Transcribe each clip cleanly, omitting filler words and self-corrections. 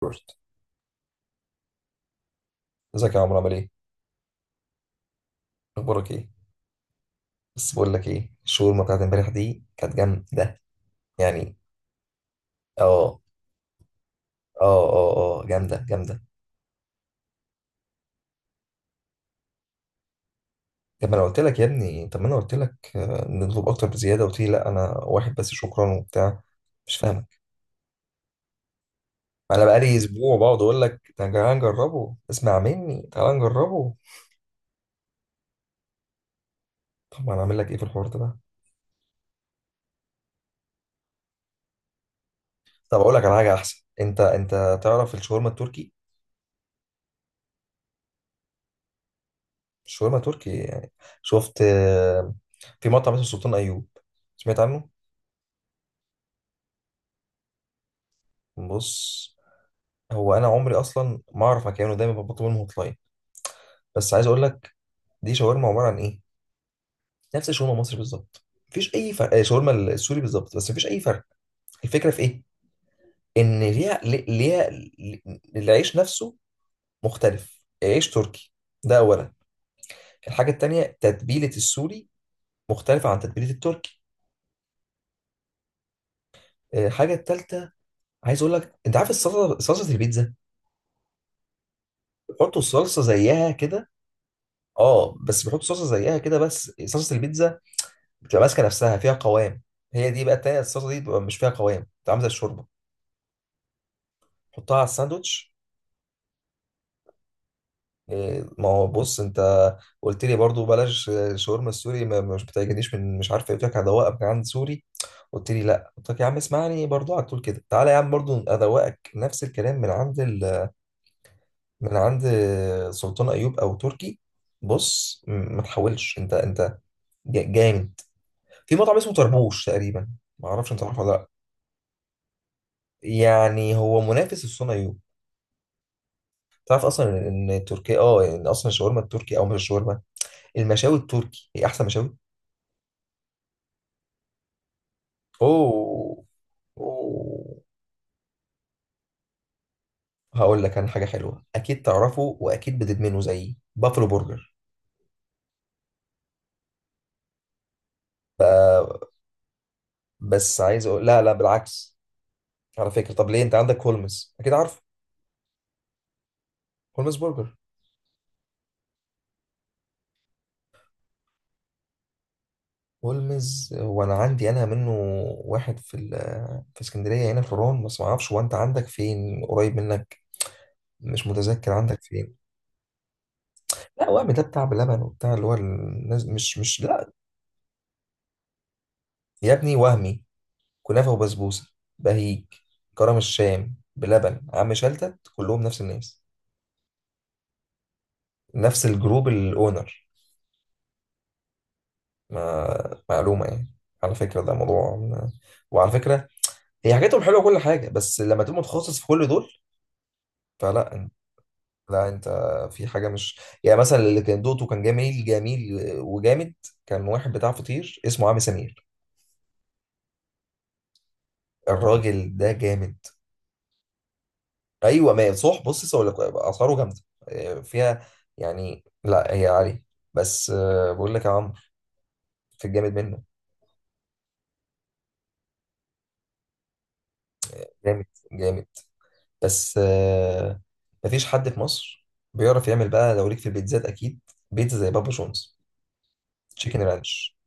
روبرت، ازيك يا عمرو؟ عامل ايه؟ اخبارك ايه؟ بس بقول لك ايه، الشاورما بتاعت امبارح دي كانت جامده يعني. اه، اه، اه، اه، جامده جامده. طب ما انا قلت لك يا ابني، طب ما انا قلت لك، نطلب اكتر بزياده. قلت لي لا، انا واحد بس شكرا وبتاع. مش فاهمك. انا بقالي اسبوع بقعد اقول لك تعالى نجربه، اسمع مني تعالى نجربه. طب ما انا اعمل لك ايه في الحوار ده بقى؟ طب اقول لك على حاجه احسن. انت تعرف الشاورما التركي؟ الشاورما التركي يعني. شفت، في مطعم اسمه سلطان ايوب؟ سمعت عنه؟ بص، هو انا عمري اصلا ما اعرف مكانه، دايما بطلب منهم هوت. بس عايز اقول لك، دي شاورما عباره عن ايه؟ نفس الشاورما المصري بالظبط، مفيش اي فرق. شاورما السوري بالظبط بس، مفيش اي فرق. الفكره في ايه؟ ان العيش نفسه مختلف، عيش تركي. ده اولا. الحاجه التانيه، تتبيله السوري مختلفه عن تتبيله التركي. الحاجه التالته، عايز اقول لك، انت عارف الصلصه؟ صلصه البيتزا. بيحطوا الصلصه زيها كده. اه، بس بيحطوا صلصه زيها كده، بس صلصه البيتزا بتبقى ماسكه نفسها، فيها قوام. هي دي بقى التانية. الصلصه دي بتبقى مش فيها قوام، بتبقى عامله زي الشوربه. حطها على الساندوتش. إيه، ما هو بص انت قلت لي برضو بلاش شاورما السوري، ما مش بتعجبنيش من مش عارف ايه، قلت لك هدوقك من عند سوري. قلت لي لا، قلت لك يا عم اسمعني برضو، على طول كده تعالى يا عم برضو ادوقك نفس الكلام من عند ال... من عند سلطان ايوب او تركي. بص، ما تحاولش. انت جامد. في مطعم اسمه طربوش تقريبا، ما اعرفش انت عارفه ولا لا؟ يعني هو منافس لسلطان ايوب. تعرف اصلا إن تركيا، اه، ان اصلا الشاورما التركي، او مش الشاورما، المشاوي التركي هي احسن مشاوي. اوه. اوه. هقول لك انا حاجه حلوه، اكيد تعرفه واكيد بتدمنه زيي، بافلو برجر. بس عايز اقول لا لا، بالعكس. على فكره، طب ليه، انت عندك هولمز اكيد عارف؟ هولمز برجر. هولمز، وانا عندي انا منه واحد في ال... في اسكندريه هنا في الرون، بس ما اعرفش هو انت عندك فين قريب منك، مش متذكر عندك فين. لا، وهم ده بتاع بلبن وبتاع اللي هو الناس، مش لا. يا ابني وهمي، كنافة وبسبوسة، بهيج، كرم الشام، بلبن، عم شلتت، كلهم نفس الناس، نفس الجروب، الأونر. ما معلومة يعني. على فكرة ده موضوع وعلى فكرة، هي حاجاتهم حلوة كل حاجة، بس لما تبقى متخصص في كل دول فلا انت، لا انت في حاجة، مش يعني مثلا اللي كان دوقته كان جميل جميل وجامد. كان واحد بتاع فطير اسمه عم سمير. الراجل ده جامد. ايوه، ما هي صح، بص اقول لك، اسعاره جامده، فيها، يعني لا هي عاليه، بس بقول لك يا عمرو، في الجامد منه. جامد جامد. بس مفيش حد في مصر بيعرف يعمل. بقى لو ليك في البيتزات، اكيد بيتزا زي بابا جونز، تشيكن رانش.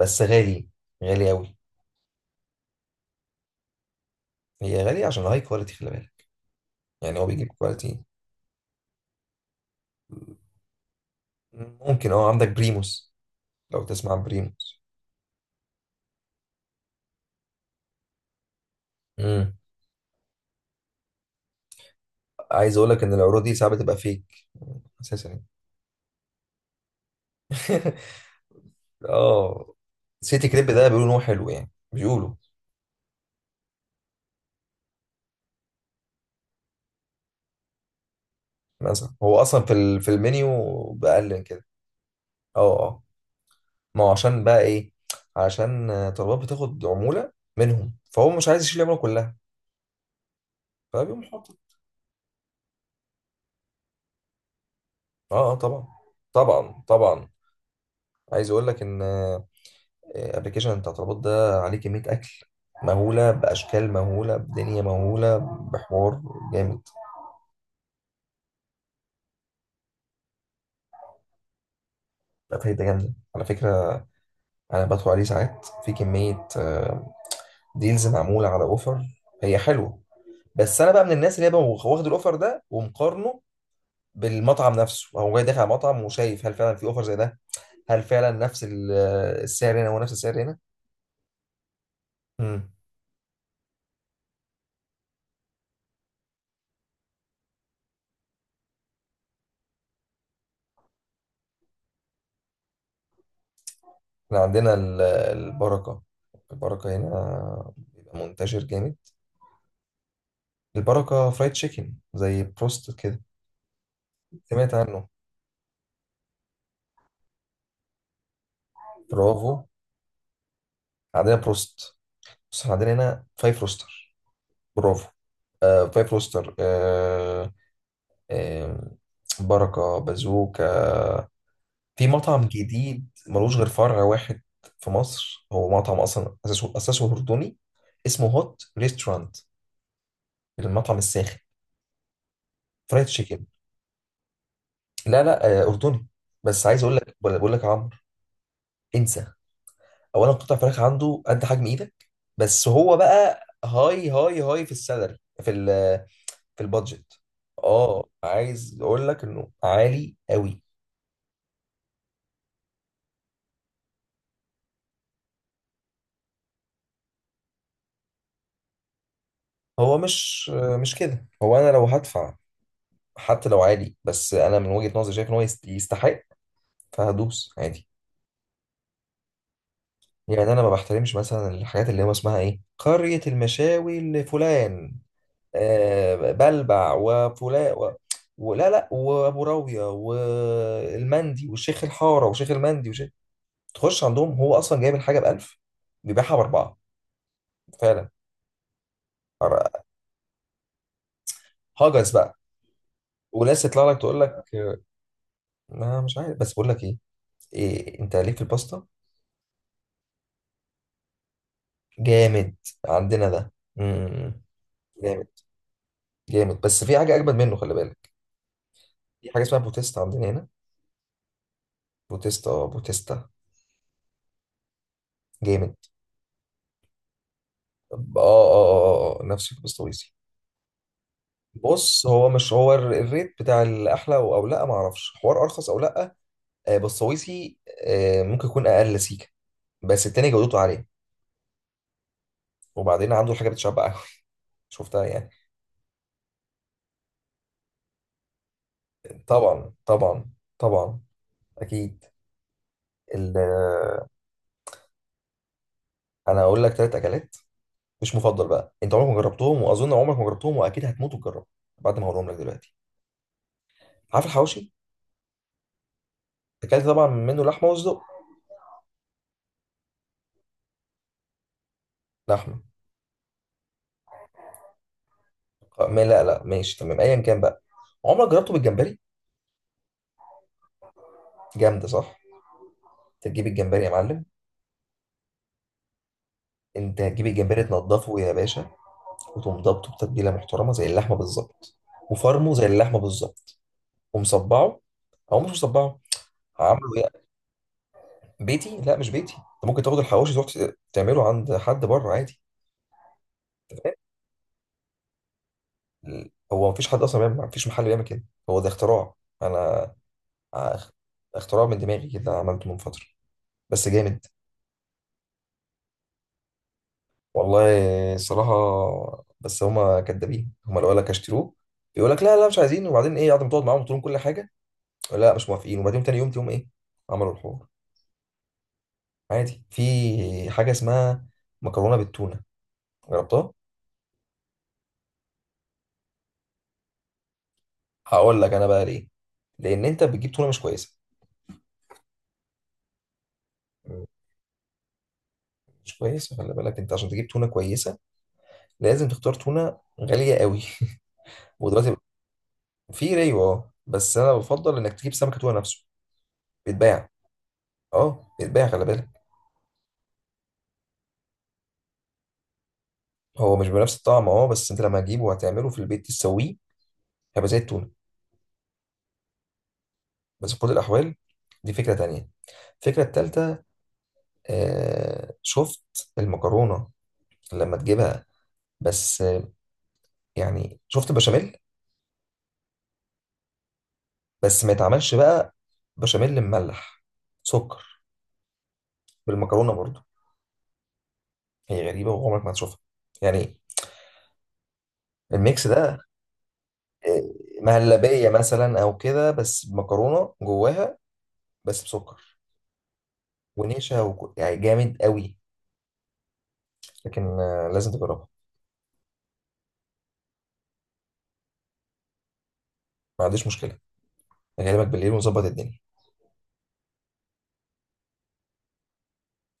بس غالي، غالي قوي. هي غاليه عشان هاي كواليتي، خلي بالك. يعني هو بيجيب كواليتي. ممكن. اه، عندك بريموس؟ لو تسمع عن بريموس. امم. عايز اقول لك ان العروض دي ساعات بتبقى فيك اساسا يعني. اه. سيتي كريب ده بيقولوا ان هو حلو، يعني بيقولوا مثلا هو اصلا في المنيو بأقل من كده. اه، اه، ما هو عشان بقى ايه، عشان طلبات بتاخد عمولة منهم، فهو مش عايز يشيل العمولة كلها، فبيقوم حاطط. اه، اه، طبعا طبعا طبعا. عايز اقول لك ان الابلكيشن بتاع طلبات ده عليه كمية اكل مهولة، بأشكال مهولة، بدنيا مهولة، بحوار جامد. لا، فايدة جامدة على فكرة. أنا بدخل عليه ساعات في كمية، ديلز معمولة على اوفر، هي حلوة. بس انا بقى من الناس اللي هي بقى واخد الاوفر ده ومقارنه بالمطعم نفسه، هو جاي داخل على مطعم وشايف هل فعلا في اوفر زي ده، هل فعلا نفس السعر هنا هو نفس السعر هنا. امم. احنا عندنا البركة. البركة هنا بيبقى منتشر جامد. البركة فرايد تشيكن زي بروست كده، سمعت عنه؟ برافو، عندنا بروست. بس احنا عندنا هنا فايف روستر، برافو. فايف روستر. آم، بركة، بازوكا، في مطعم جديد ملوش غير فرع واحد في مصر، هو مطعم أصلا أساسه أردني، اسمه هوت ريستورانت، المطعم الساخن، فرايد تشيكن. لا لا، أردني. بس عايز أقول لك، بقول لك يا عمرو، انسى. أولا، قطع فراخ عنده قد حجم إيدك. بس هو بقى هاي في السالري، في ال في البادجت. اه، عايز اقول لك انه عالي قوي. هو مش كده، هو انا لو هدفع حتى لو عالي، بس انا من وجهة نظري شايف ان هو يستحق، فهدوس عادي. يعني انا ما بحترمش مثلا الحاجات اللي هو اسمها ايه، قرية المشاوي لفلان، بلبع وفلان و... ولا لا، وابو راوية والمندي والشيخ الحارة وشيخ المندي وشيخ، تخش عندهم هو اصلا جايب الحاجة بألف، بيبيعها بأربعة، فعلا. هجس بقى. وناس تطلع لك تقول لك ما مش عارف، بس بقول لك ايه، إيه، انت ليك في الباستا؟ جامد. عندنا ده. جامد، جامد، بس في حاجة أجمد منه، خلي بالك. في حاجة اسمها بوتيستا عندنا هنا. بوتيستا، اه، بوتيستا. جامد. نفس البسطويسي. بص، هو مش هو الريت بتاع الأحلى، أو لأ، معرفش حوار أرخص أو لأ. بسطويسي ممكن يكون أقل سيكة، بس التاني جودته عالية. وبعدين عنده الحاجة بتشبع أوي. شفتها يعني. طبعا طبعا طبعا، أكيد. ال- آه، أنا هقول لك تلات أكلات، مش مفضل بقى، انت عمرك ما جربتهم، واظن عمرك ما جربتهم، واكيد هتموت وتجربهم بعد ما هقولهم لك دلوقتي. عارف الحواوشي؟ اكلت طبعا منه لحمه وصدق. لحمه. ما لا لا، ماشي تمام، ايا كان بقى. عمرك جربته بالجمبري؟ جامده صح؟ تجيب الجمبري يا معلم. انت هتجيب الجمبري تنضفه يا باشا، وتقوم ضابطه بتتبيله محترمه زي اللحمه بالظبط، وفرمه زي اللحمه بالظبط، ومصبعه، او مش مصبعه، عامله ايه. بيتي؟ لا مش بيتي، انت ممكن تاخد الحواوشي تروح تعمله عند حد بره عادي. آه، هو مفيش حد اصلا بيعمل، مفيش محل بيعمل كده، هو ده اختراع. انا أخ- اختراع من دماغي كده، عملته من فتره، بس جامد. والله الصراحه، بس هما كدابين، هما لو قال لك هشتروه، يقول لك لا لا مش عايزين، وبعدين ايه، قعدت تقعد معاهم وتقول لهم كل حاجه، لا مش موافقين، وبعدين تاني يوم تقوم ايه، عملوا الحوار. عادي، في حاجه اسمها مكرونه بالتونه، جربتها؟ هقول لك انا بقى ليه، لان انت بتجيب تونه مش كويسه، مش كويسه. خلي بالك، انت عشان تجيب تونه كويسه لازم تختار تونه غاليه قوي. ودلوقتي في ريو، اه، بس انا بفضل انك تجيب سمكه تونه نفسه، بيتباع. اه، بيتباع خلي بالك. هو مش بنفس الطعم اه، بس انت لما هتجيبه وهتعمله في البيت تسويه هيبقى زي التونه. بس في كل الاحوال، دي فكره تانية. الفكره التالتة، شفت المكرونه لما تجيبها، بس يعني شفت البشاميل؟ بس ما يتعملش بقى بشاميل مملح، سكر بالمكرونه برضو، هي غريبه وعمرك ما هتشوفها، يعني. الميكس ده مهلبية مثلا أو كده، بس مكرونة جواها بس بسكر ونشا يعني جامد قوي. لكن لازم تجربها. ما عنديش مشكلة، أغلبك بالليل ونظبط الدنيا.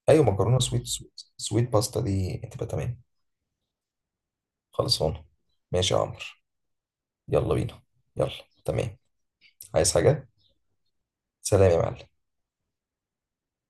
أيوة، مكرونة سويت سويت سويت باستا دي هتبقى تمام. خلصانة. ماشي يا عمرو، يلا بينا، يلا، تمام. عايز حاجة؟ سلام يا معلم.